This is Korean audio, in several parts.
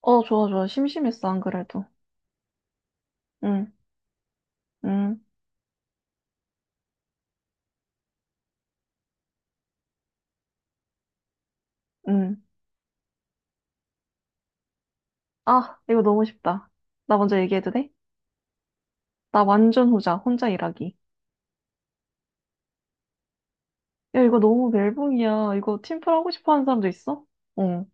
어, 좋아, 좋아. 심심했어, 안 그래도. 응, 응, 응. 아, 이거 너무 쉽다. 나 먼저 얘기해도 돼? 나 완전 후자, 혼자 일하기. 야, 이거 너무 멜붕이야. 이거 팀플 하고 싶어 하는 사람도 있어? 응.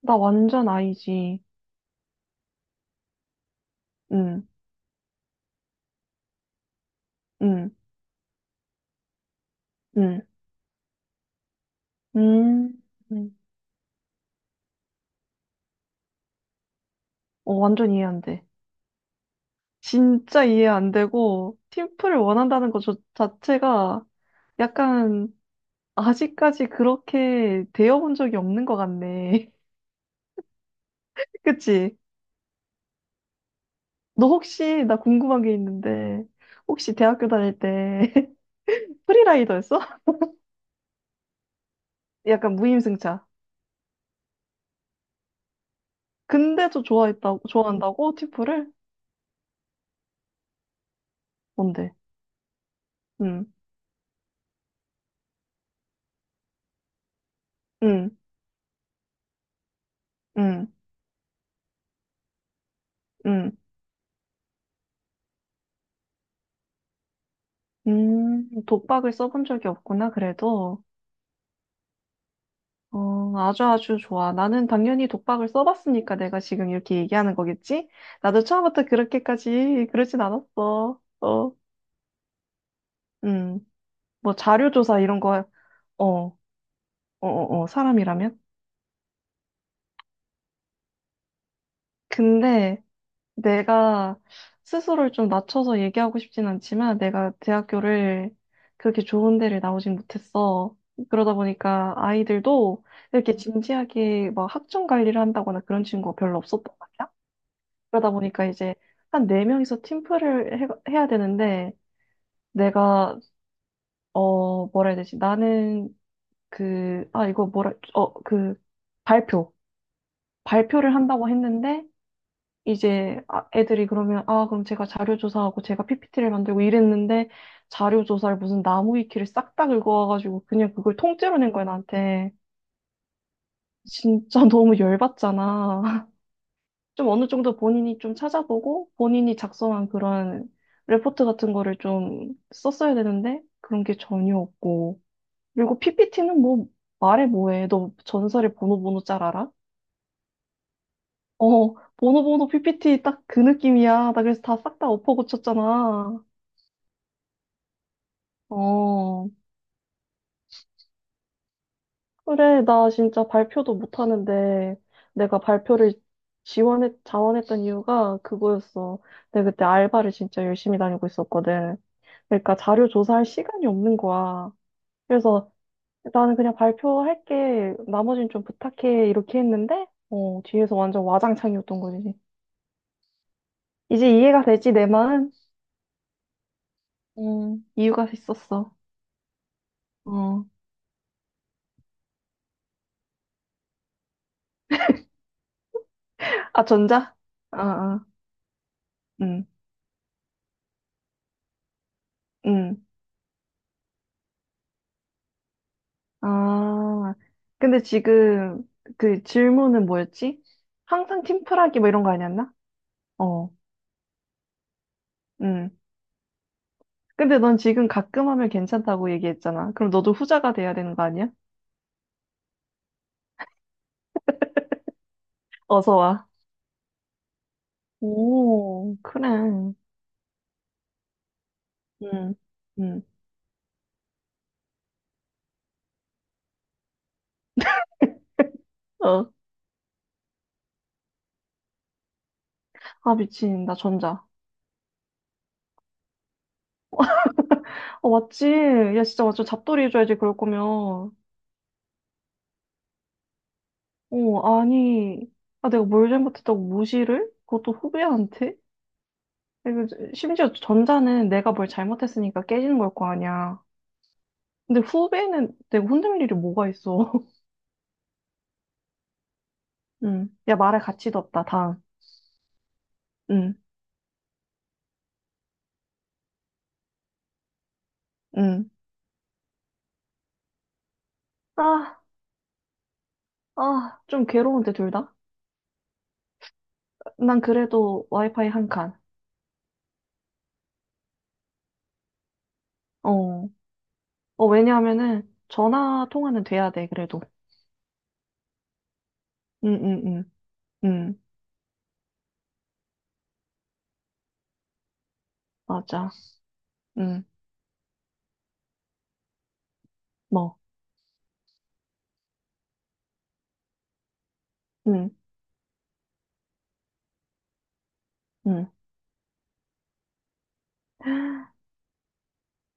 나 완전 아이지. 응, 응, 응, 응. 응. 어, 완전 이해 안 돼. 진짜 이해 안 되고, 팀플을 원한다는 것 자체가 약간 아직까지 그렇게 되어본 적이 없는 것 같네. 그치? 너 혹시 나 궁금한 게 있는데 혹시 대학교 다닐 때 프리라이더였어? 약간 무임승차. 근데 또 좋아했다고 좋아한다고 티프를? 뭔데? 응, 응, 응, 응. 독박을 써본 적이 없구나, 그래도. 어, 아주 아주 좋아. 나는 당연히 독박을 써봤으니까 내가 지금 이렇게 얘기하는 거겠지? 나도 처음부터 그렇게까지 그러진 않았어. 어, 음, 뭐 자료조사 이런 거, 어, 어, 어, 어, 사람이라면? 근데 내가 스스로를 좀 낮춰서 얘기하고 싶진 않지만 내가 대학교를 그렇게 좋은 데를 나오진 못했어. 그러다 보니까 아이들도 이렇게 진지하게 막 학점 관리를 한다거나 그런 친구가 별로 없었단 말이야. 그러다 보니까 이제 한 네명이서 팀플을 해야 되는데 내가 어 뭐라 해야 되지? 나는 그 아 이거 뭐라 어 그 발표 발표를 한다고 했는데 이제 애들이 그러면 아 그럼 제가 자료 조사하고 제가 PPT를 만들고 이랬는데, 자료 조사를 무슨 나무 위키를 싹 다 긁어와가지고 그냥 그걸 통째로 낸 거야 나한테. 진짜 너무 열받잖아. 좀 어느 정도 본인이 좀 찾아보고 본인이 작성한 그런 레포트 같은 거를 좀 썼어야 되는데 그런 게 전혀 없고, 그리고 PPT는 뭐 말해 뭐해. 너 전설의 보노보노 잘 알아? 어 보노보노 PPT 딱 그 느낌이야 나. 그래서 다 싹 다 엎어고쳤잖아. 어, 그래, 나 진짜 발표도 못하는데, 내가 발표를 자원했던 이유가 그거였어. 내가 그때 알바를 진짜 열심히 다니고 있었거든. 그러니까 자료 조사할 시간이 없는 거야. 그래서 나는 그냥 발표할게, 나머지는 좀 부탁해, 이렇게 했는데, 어, 뒤에서 완전 와장창이었던 거지. 이제 이해가 되지, 내 마음? 이유가 있었어. 어. 아, 전자? 아, 아, 응, 응. 아, 근데 지금 그 질문은 뭐였지? 항상 팀플하기 뭐 이런 거 아니었나? 어, 음. 근데 넌 지금 가끔 하면 괜찮다고 얘기했잖아. 그럼 너도 후자가 돼야 되는 거 아니야? 어서 와. 오, 그래. 음. 어, 아, 미친. 나 전자. 어, 맞지? 야, 진짜 맞죠? 잡돌이 해줘야지, 그럴 거면. 어, 아니. 아, 내가 뭘 잘못했다고 무시를? 그것도 후배한테? 그리고 심지어 전자는 내가 뭘 잘못했으니까 깨지는 걸 거 아니야. 근데 후배는 내가 혼낼 일이 뭐가 있어. 응. 야, 말할 가치도 없다, 다음. 응, 응. 아, 아, 좀 괴로운데, 둘 다? 난 그래도 와이파이 한 칸. 어. 어, 왜냐하면은 전화 통화는 돼야 돼, 그래도. 응, 응, 응, 응. 맞아. 응, 뭐, 응, 응.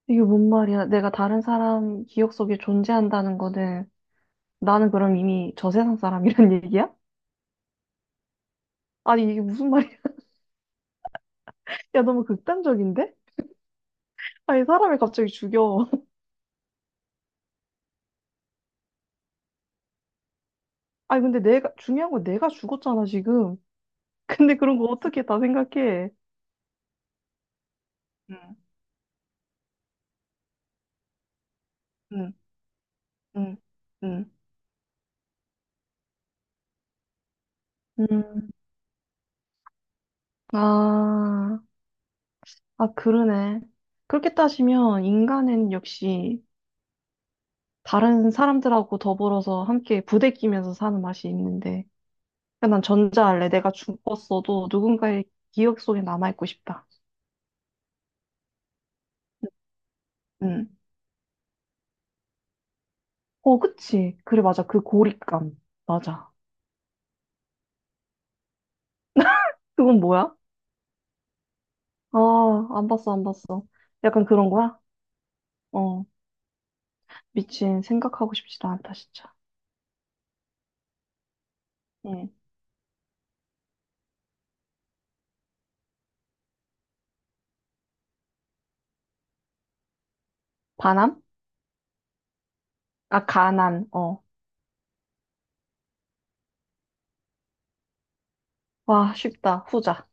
이게 뭔 말이야. 내가 다른 사람 기억 속에 존재한다는 거는 나는 그럼 이미 저 세상 사람이란 얘기야? 아니, 이게 무슨 말이야? 야, 너무 극단적인데? 아니, 사람을 갑자기 죽여. 아니, 근데 내가, 중요한 건 내가 죽었잖아, 지금. 근데 그런 거 어떻게 다 생각해? 응, 응, 응, 응. 음, 아, 아, 그러네. 그렇게 따지면 인간은 역시 다른 사람들하고 더불어서 함께 부대끼면서 사는 맛이 있는데. 그난 전자할래. 내가 죽었어도 누군가의 기억 속에 남아있고 싶다. 응. 어, 그치. 그래, 맞아. 그 고립감. 맞아. 그건 뭐야? 아, 안 봤어, 안 봤어. 약간 그런 거야? 어, 미친, 생각하고 싶지도 않다, 진짜. 응. 반함? 아, 가난, 어. 와, 쉽다. 후자.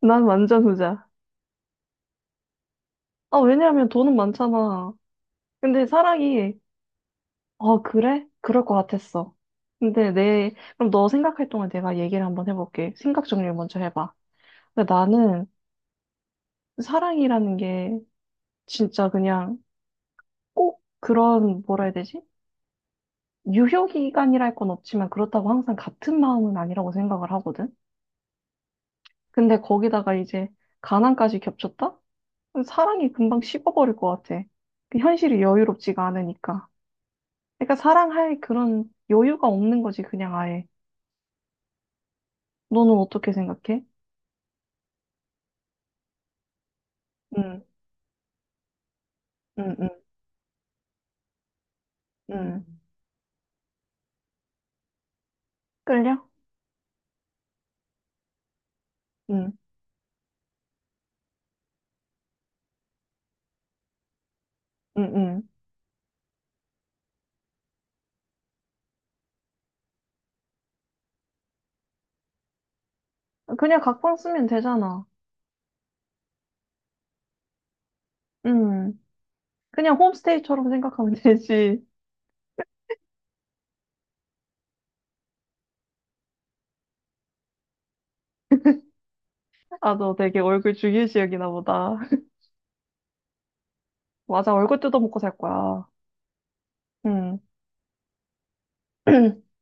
난 완전 후자. 아, 왜냐하면 돈은 많잖아. 근데 사랑이, 어, 그래? 그럴 것 같았어. 근데 내, 그럼 너 생각할 동안 내가 얘기를 한번 해볼게. 생각 정리를 먼저 해봐. 근데 나는 사랑이라는 게 진짜 그냥 꼭 그런, 뭐라 해야 되지? 유효 기간이랄 건 없지만 그렇다고 항상 같은 마음은 아니라고 생각을 하거든. 근데 거기다가 이제 가난까지 겹쳤다? 사랑이 금방 식어버릴 것 같아. 그 현실이 여유롭지가 않으니까. 그러니까 사랑할 그런 여유가 없는 거지, 그냥 아예. 너는 어떻게 생각해? 응, 응, 응, 응. 끌려? 응, 응, 응. 그냥 각방 쓰면 되잖아. 응. 그냥 홈스테이처럼 생각하면 되지. 아, 너 되게 얼굴 주위 지역이나 보다. 맞아, 얼굴 뜯어먹고 살 거야. 응.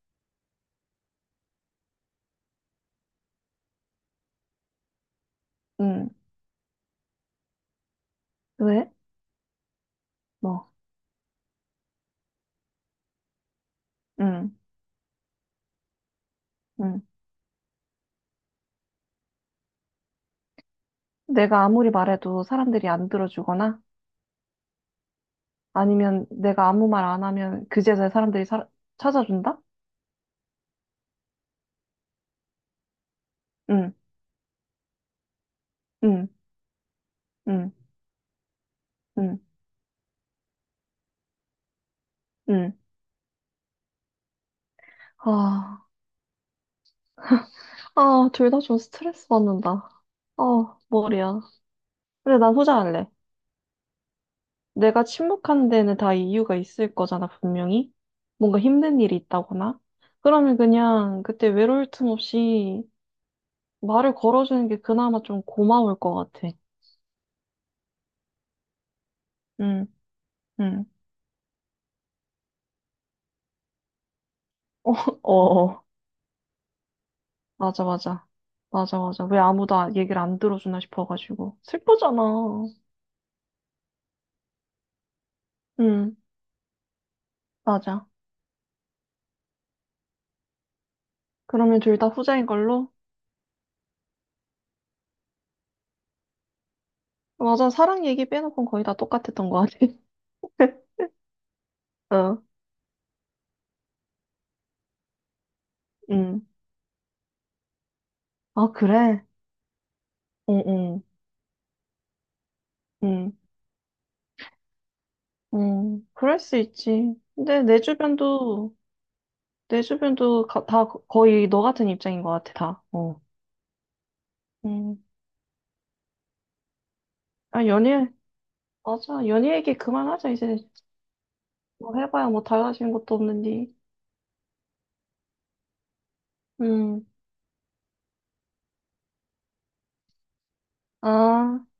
응. 왜? 뭐. 응. 응. 내가 아무리 말해도 사람들이 안 들어주거나 아니면 내가 아무 말 안 하면 그제서야 사람들이 찾아준다? 응. 응. 응. 응. 응. 아. 아, 둘 다 좀 스트레스 받는다. 아, 머리야. 근데 난 후자할래. 내가 침묵하는 데는 다 이유가 있을 거잖아, 분명히. 뭔가 힘든 일이 있다거나. 그러면 그냥 그때 외로울 틈 없이 말을 걸어주는 게 그나마 좀 고마울 것 같아. 응, 응. 어, 어. 맞아, 맞아. 맞아, 맞아. 왜 아무도 얘기를 안 들어주나 싶어가지고. 슬프잖아. 응, 맞아. 그러면 둘 다 후자인 걸로? 맞아, 사랑 얘기 빼놓고는 거의 다 똑같았던 것 같아. 어, 응. 아, 그래? 응, 응, 응, 응. 그럴 수 있지. 근데 내 주변도, 내 주변도 거의 너 같은 입장인 것 같아, 다. 어. 응. 아, 연애, 맞아. 연애 얘기 그만하자, 이제. 뭐 해봐야 뭐 달라지는 것도 없는데. 음. 아,